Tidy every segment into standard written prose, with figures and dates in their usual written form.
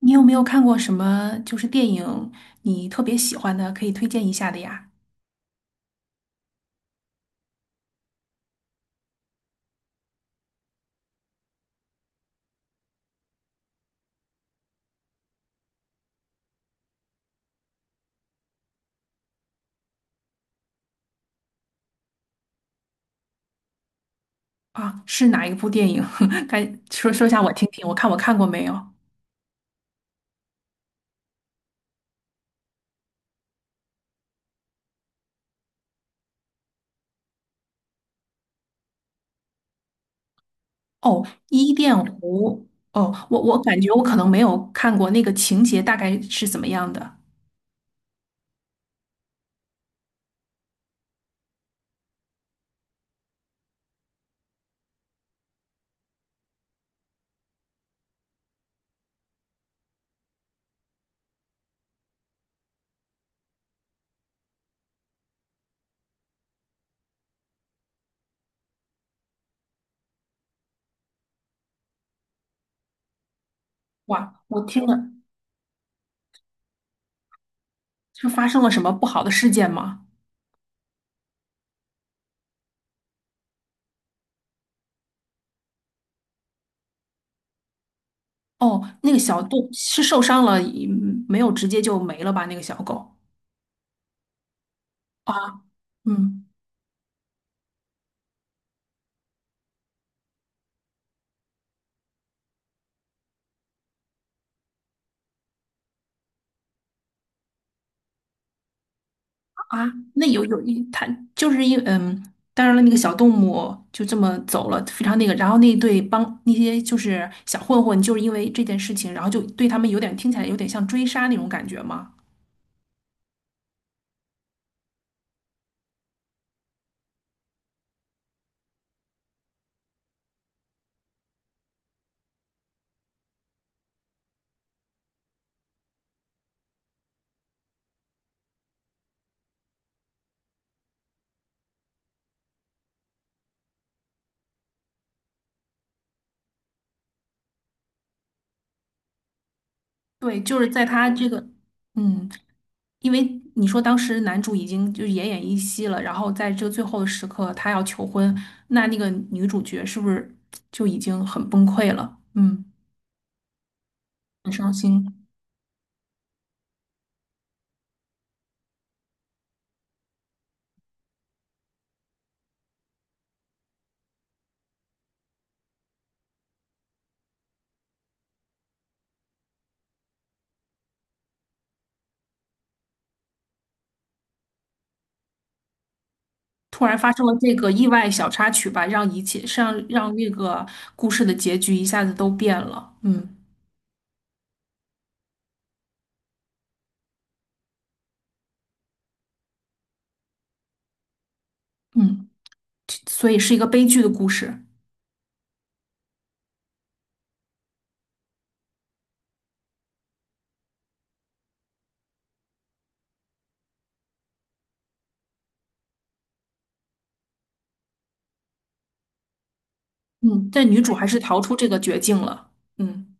你有没有看过什么电影你特别喜欢的，可以推荐一下的呀？啊，是哪一部电影？该说一下我听听，我看过没有？哦，《伊甸湖》。哦，我感觉我可能没有看过，那个情节大概是怎么样的。哇，我听了是发生了什么不好的事件吗？哦，那个小动是受伤了，嗯，没有直接就没了吧？那个小狗啊，嗯。啊，那有有一，它就是一嗯，当然了，那个小动物就这么走了，非常那个。然后那对帮那些小混混，就是因为这件事情，然后就对他们有点听起来有点像追杀那种感觉吗？对，就是在他这个嗯，因为你说当时男主已经就是奄奄一息了，然后在这个最后的时刻他要求婚，那那个女主角是不是就已经很崩溃了？嗯，很伤心。突然发生了这个意外小插曲吧，让一切让那个故事的结局一下子都变了。嗯。嗯，所以是一个悲剧的故事。嗯，但女主还是逃出这个绝境了。嗯。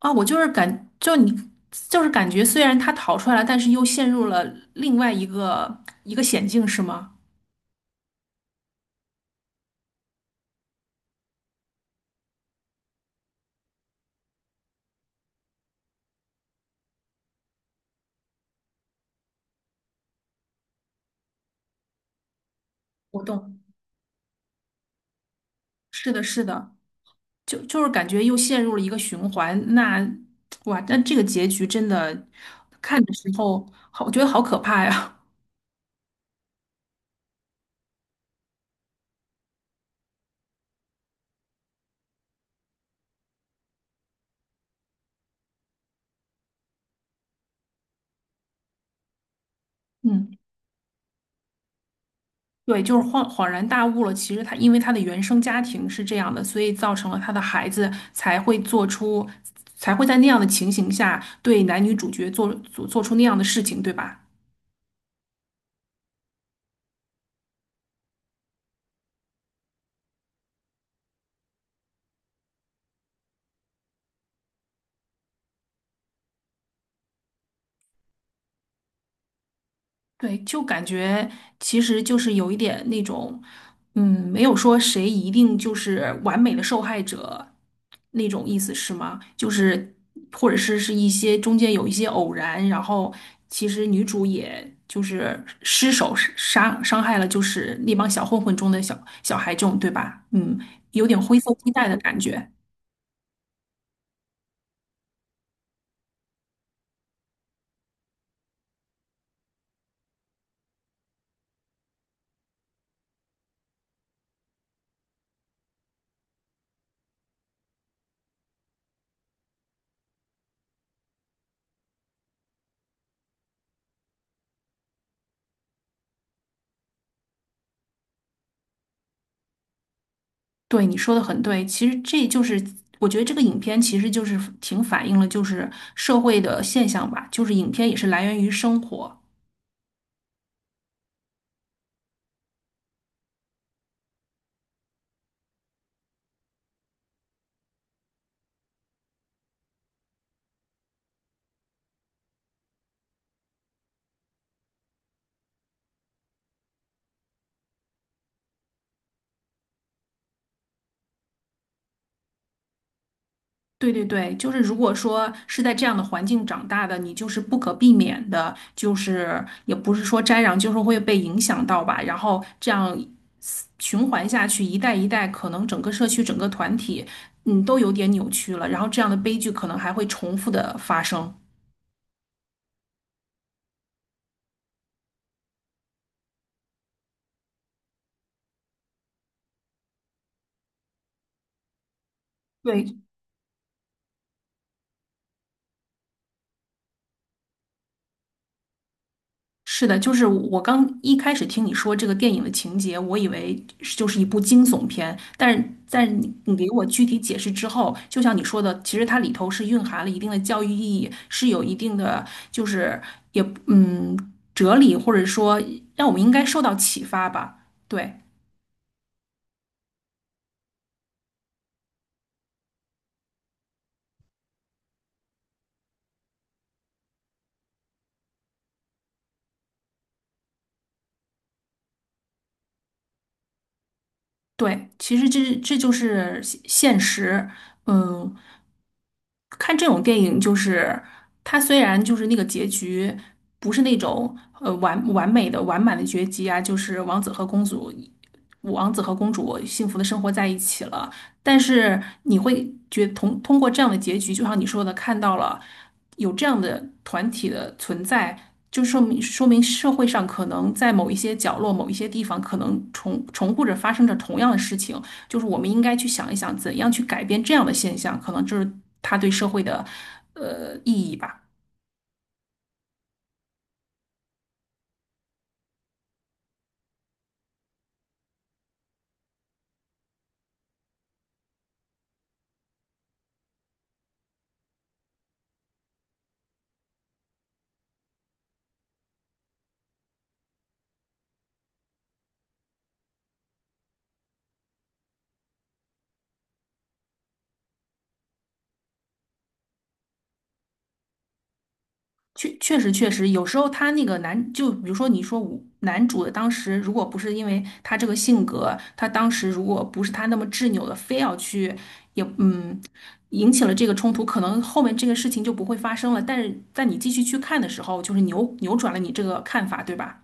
啊，我就是感就你就是感觉，虽然她逃出来了，但是又陷入了另外一个险境，是吗？我懂。是的，是的，就是感觉又陷入了一个循环。那哇，那这个结局真的看的时候，好，我觉得好可怕呀。嗯。对，就是恍恍然大悟了。其实他因为他的原生家庭是这样的，所以造成了他的孩子才会做出，才会在那样的情形下对男女主角做出那样的事情，对吧？对，就感觉其实就是有一点那种，嗯，没有说谁一定就是完美的受害者那种意思是吗？就是或者是一些中间有一些偶然，然后其实女主也就是失手是杀伤害了就是那帮小混混中的小小孩这种，对吧？嗯，有点灰色地带的感觉。对，你说的很对，其实这就是我觉得这个影片其实就是挺反映了就是社会的现象吧，就是影片也是来源于生活。对对对，就是如果说是在这样的环境长大的，你就是不可避免的，就是也不是说沾染，就是会被影响到吧。然后这样循环下去，一代一代，可能整个社区、整个团体，嗯，都有点扭曲了。然后这样的悲剧可能还会重复的发生。对，是的，就是我刚一开始听你说这个电影的情节，我以为是就是一部惊悚片，但是在你给我具体解释之后，就像你说的，其实它里头是蕴含了一定的教育意义，是有一定的就是也嗯哲理，或者说让我们应该受到启发吧。对对，其实这就是现实，嗯。看这种电影，就是它虽然就是那个结局不是那种完美的完满的结局啊，就是王子和公主，王子和公主幸福的生活在一起了，但是你会觉通过这样的结局，就像你说的，看到了有这样的团体的存在。就说明社会上可能在某一些角落、某一些地方，可能重复着发生着同样的事情，就是我们应该去想一想，怎样去改变这样的现象，可能就是他对社会的意义吧。确实，有时候他那个男，就比如说你说我男主的当时，如果不是因为他这个性格，他当时如果不是他那么执拗的，非要去也嗯。引起了这个冲突，可能后面这个事情就不会发生了。但是在你继续去看的时候，就是扭转了你这个看法，对吧？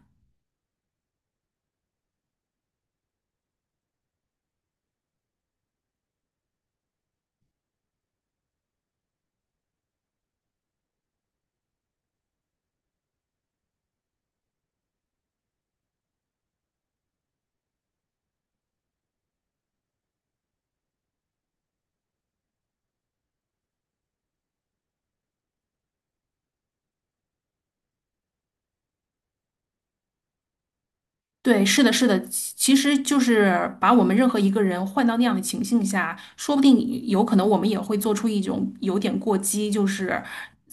对，是的，是的，其实就是把我们任何一个人换到那样的情境下，说不定有可能我们也会做出一种有点过激，就是，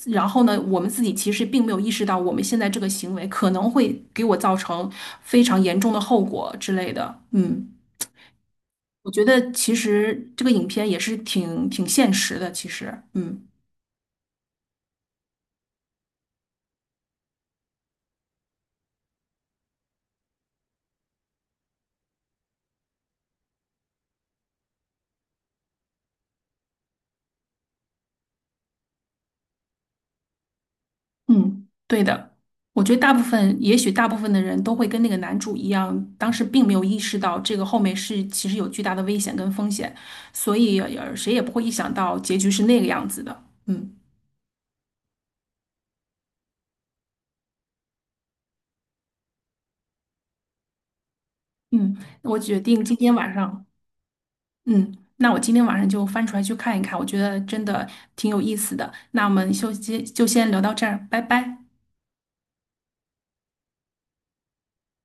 然后呢，我们自己其实并没有意识到我们现在这个行为可能会给我造成非常严重的后果之类的。嗯，我觉得其实这个影片也是挺现实的，其实，嗯。嗯，对的，我觉得大部分，也许大部分的人都会跟那个男主一样，当时并没有意识到这个后面是其实有巨大的危险跟风险，所以谁也不会意想到结局是那个样子的。嗯。嗯，我决定今天晚上，嗯，那我今天晚上就翻出来去看一看，我觉得真的挺有意思的。那我们就先聊到这儿，拜拜。